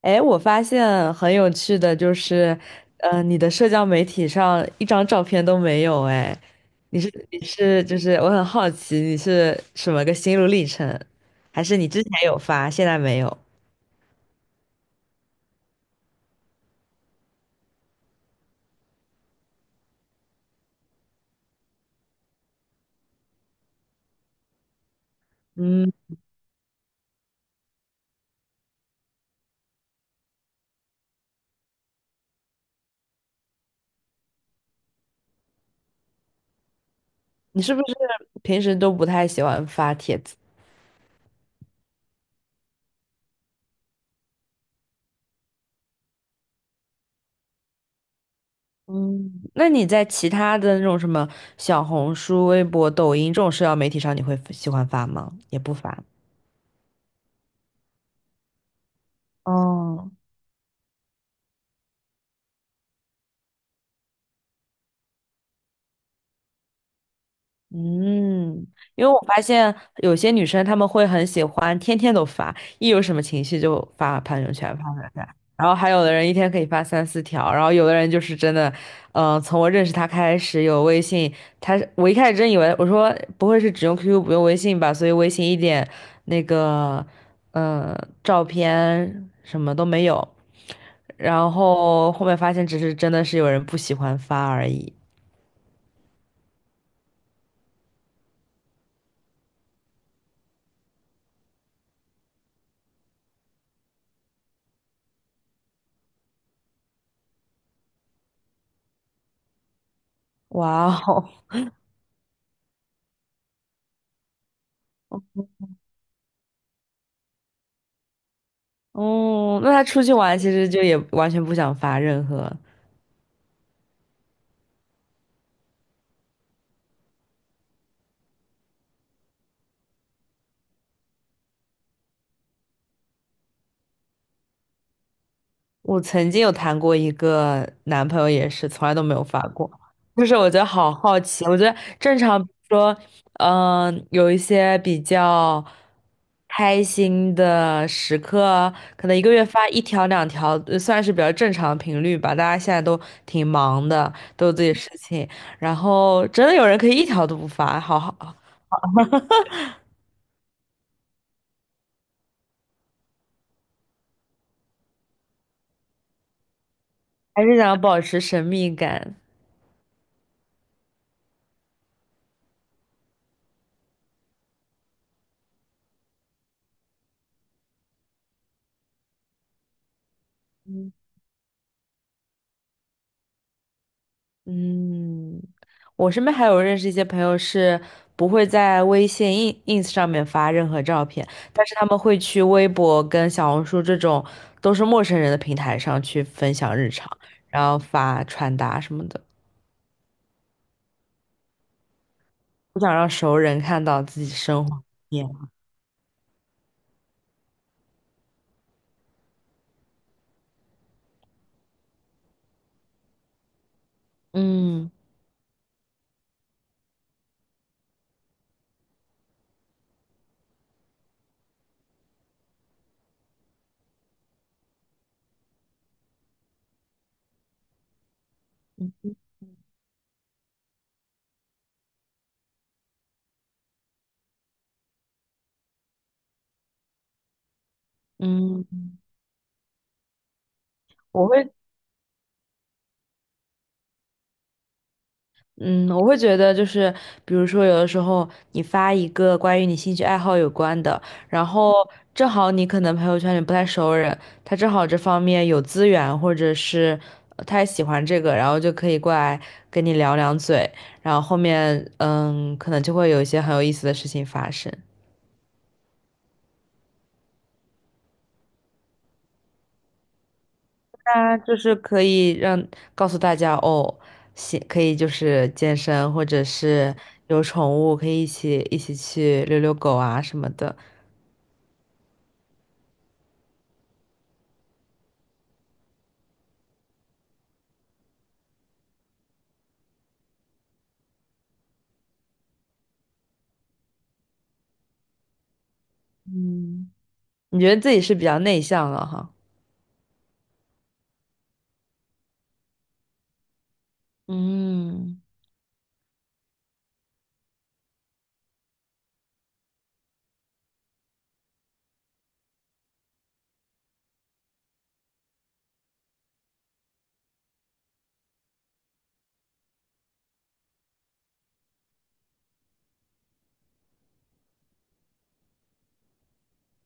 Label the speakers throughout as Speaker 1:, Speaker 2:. Speaker 1: 哎，我发现很有趣的就是，你的社交媒体上一张照片都没有哎，你是就是我很好奇你是什么个心路历程，还是你之前有发，现在没有？嗯，你是不是平时都不太喜欢发帖子？嗯，那你在其他的那种什么小红书、微博、抖音这种社交媒体上，你会喜欢发吗？也不发。哦，嗯，因为我发现有些女生她们会很喜欢天天都发，一有什么情绪就发朋友圈，发朋友圈。然后还有的人一天可以发三四条，然后有的人就是真的，从我认识他开始有微信，他我一开始真以为我说不会是只用 QQ 不用微信吧，所以微信一点那个照片什么都没有，然后后面发现只是真的是有人不喜欢发而已。哇哦！哦，那他出去玩其实就也完全不想发任何。我曾经有谈过一个男朋友，也是从来都没有发过。就是我觉得好好奇，我觉得正常比如说，有一些比较开心的时刻，可能一个月发一条两条，算是比较正常的频率吧。大家现在都挺忙的，都有自己的事情，然后真的有人可以一条都不发，好好，还是想要保持神秘感。嗯，我身边还有认识一些朋友是不会在微信、ins 上面发任何照片，但是他们会去微博跟小红书这种都是陌生人的平台上去分享日常，然后发穿搭什么的，不想让熟人看到自己生活。面。嗯嗯嗯，我会。嗯，我会觉得就是，比如说有的时候你发一个关于你兴趣爱好有关的，然后正好你可能朋友圈里不太熟人，他正好这方面有资源，或者是他也喜欢这个，然后就可以过来跟你聊两嘴，然后后面嗯，可能就会有一些很有意思的事情发生。那就是可以让告诉大家哦，行，可以就是健身，或者是有宠物，可以一起去遛遛狗啊什么的。嗯，你觉得自己是比较内向了哈？嗯，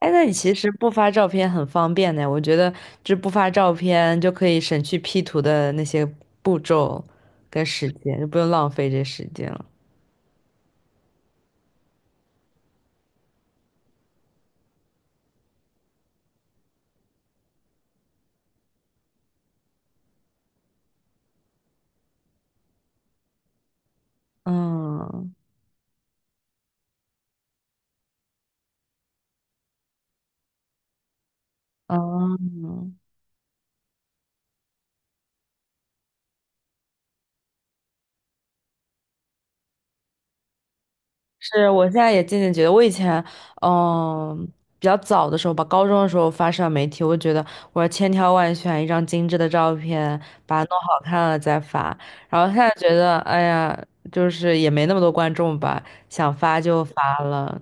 Speaker 1: 哎，那你其实不发照片很方便的，我觉得这不发照片就可以省去 P 图的那些步骤跟时间，就不用浪费这时间了。嗯，哦，是我现在也渐渐觉得，我以前嗯比较早的时候吧，高中的时候发社交媒体，我就觉得我要千挑万选一张精致的照片，把它弄好看了再发。然后现在觉得，哎呀，就是也没那么多观众吧，想发就发了。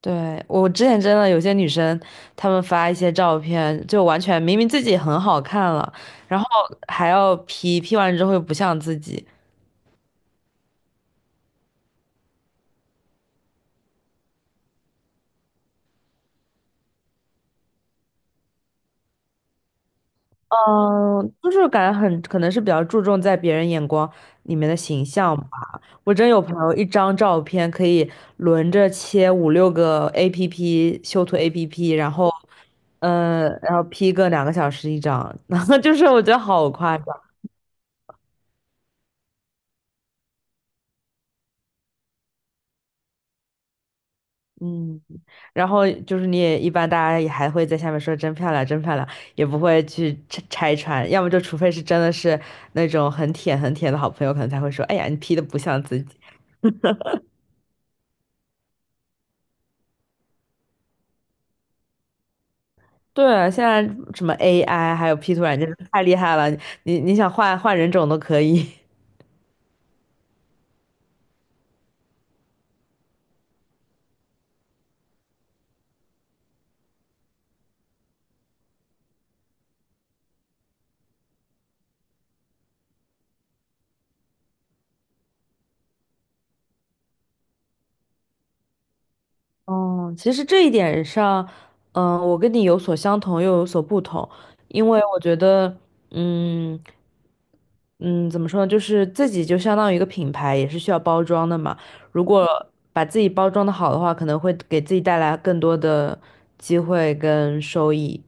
Speaker 1: 对，我之前真的有些女生，她们发一些照片，就完全明明自己很好看了，然后还要 P，P 完之后又不像自己，嗯，就是感觉很可能是比较注重在别人眼光里面的形象吧。我真有朋友一张照片可以轮着切五六个 APP 修图 APP，然后，然后 P 个两个小时一张，然后就是我觉得好夸张，嗯。然后就是你也一般大家也还会在下面说真漂亮，真漂亮，也不会去拆穿，要么就除非是真的是那种很舔很舔的好朋友，可能才会说，哎呀，你 P 的不像自己。对，现在什么 AI 还有 P 图软件太厉害了，你想换换人种都可以。哦，其实这一点上，我跟你有所相同，又有所不同，因为我觉得，嗯嗯，怎么说呢，就是自己就相当于一个品牌，也是需要包装的嘛。如果把自己包装的好的话，可能会给自己带来更多的机会跟收益。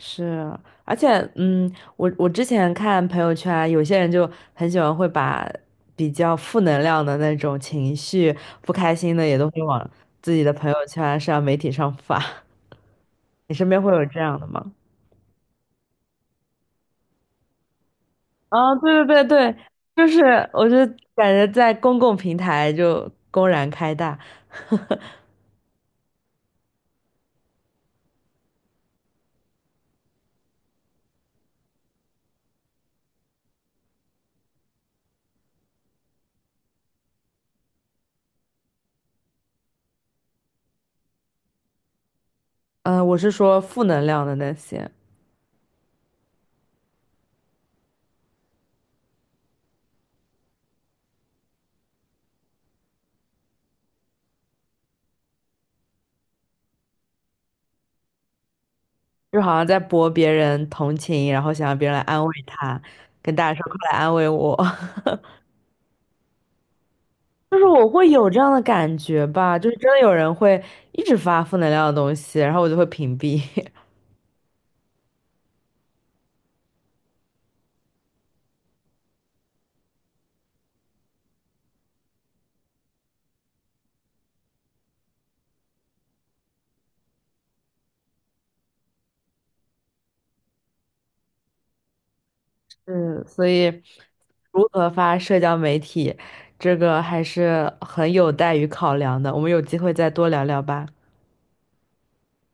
Speaker 1: 是，而且，嗯，我之前看朋友圈，有些人就很喜欢会把比较负能量的那种情绪、不开心的也都会往自己的朋友圈、社交媒体上发。你身边会有这样的吗？啊，对对对对，就是我就感觉在公共平台就公然开大，嗯、我是说负能量的那些，就好像在博别人同情，然后想让别人来安慰他，跟大家说快来安慰我。就是我会有这样的感觉吧，就是真的有人会一直发负能量的东西，然后我就会屏蔽。嗯，所以如何发社交媒体，这个还是很有待于考量的。我们有机会再多聊聊吧。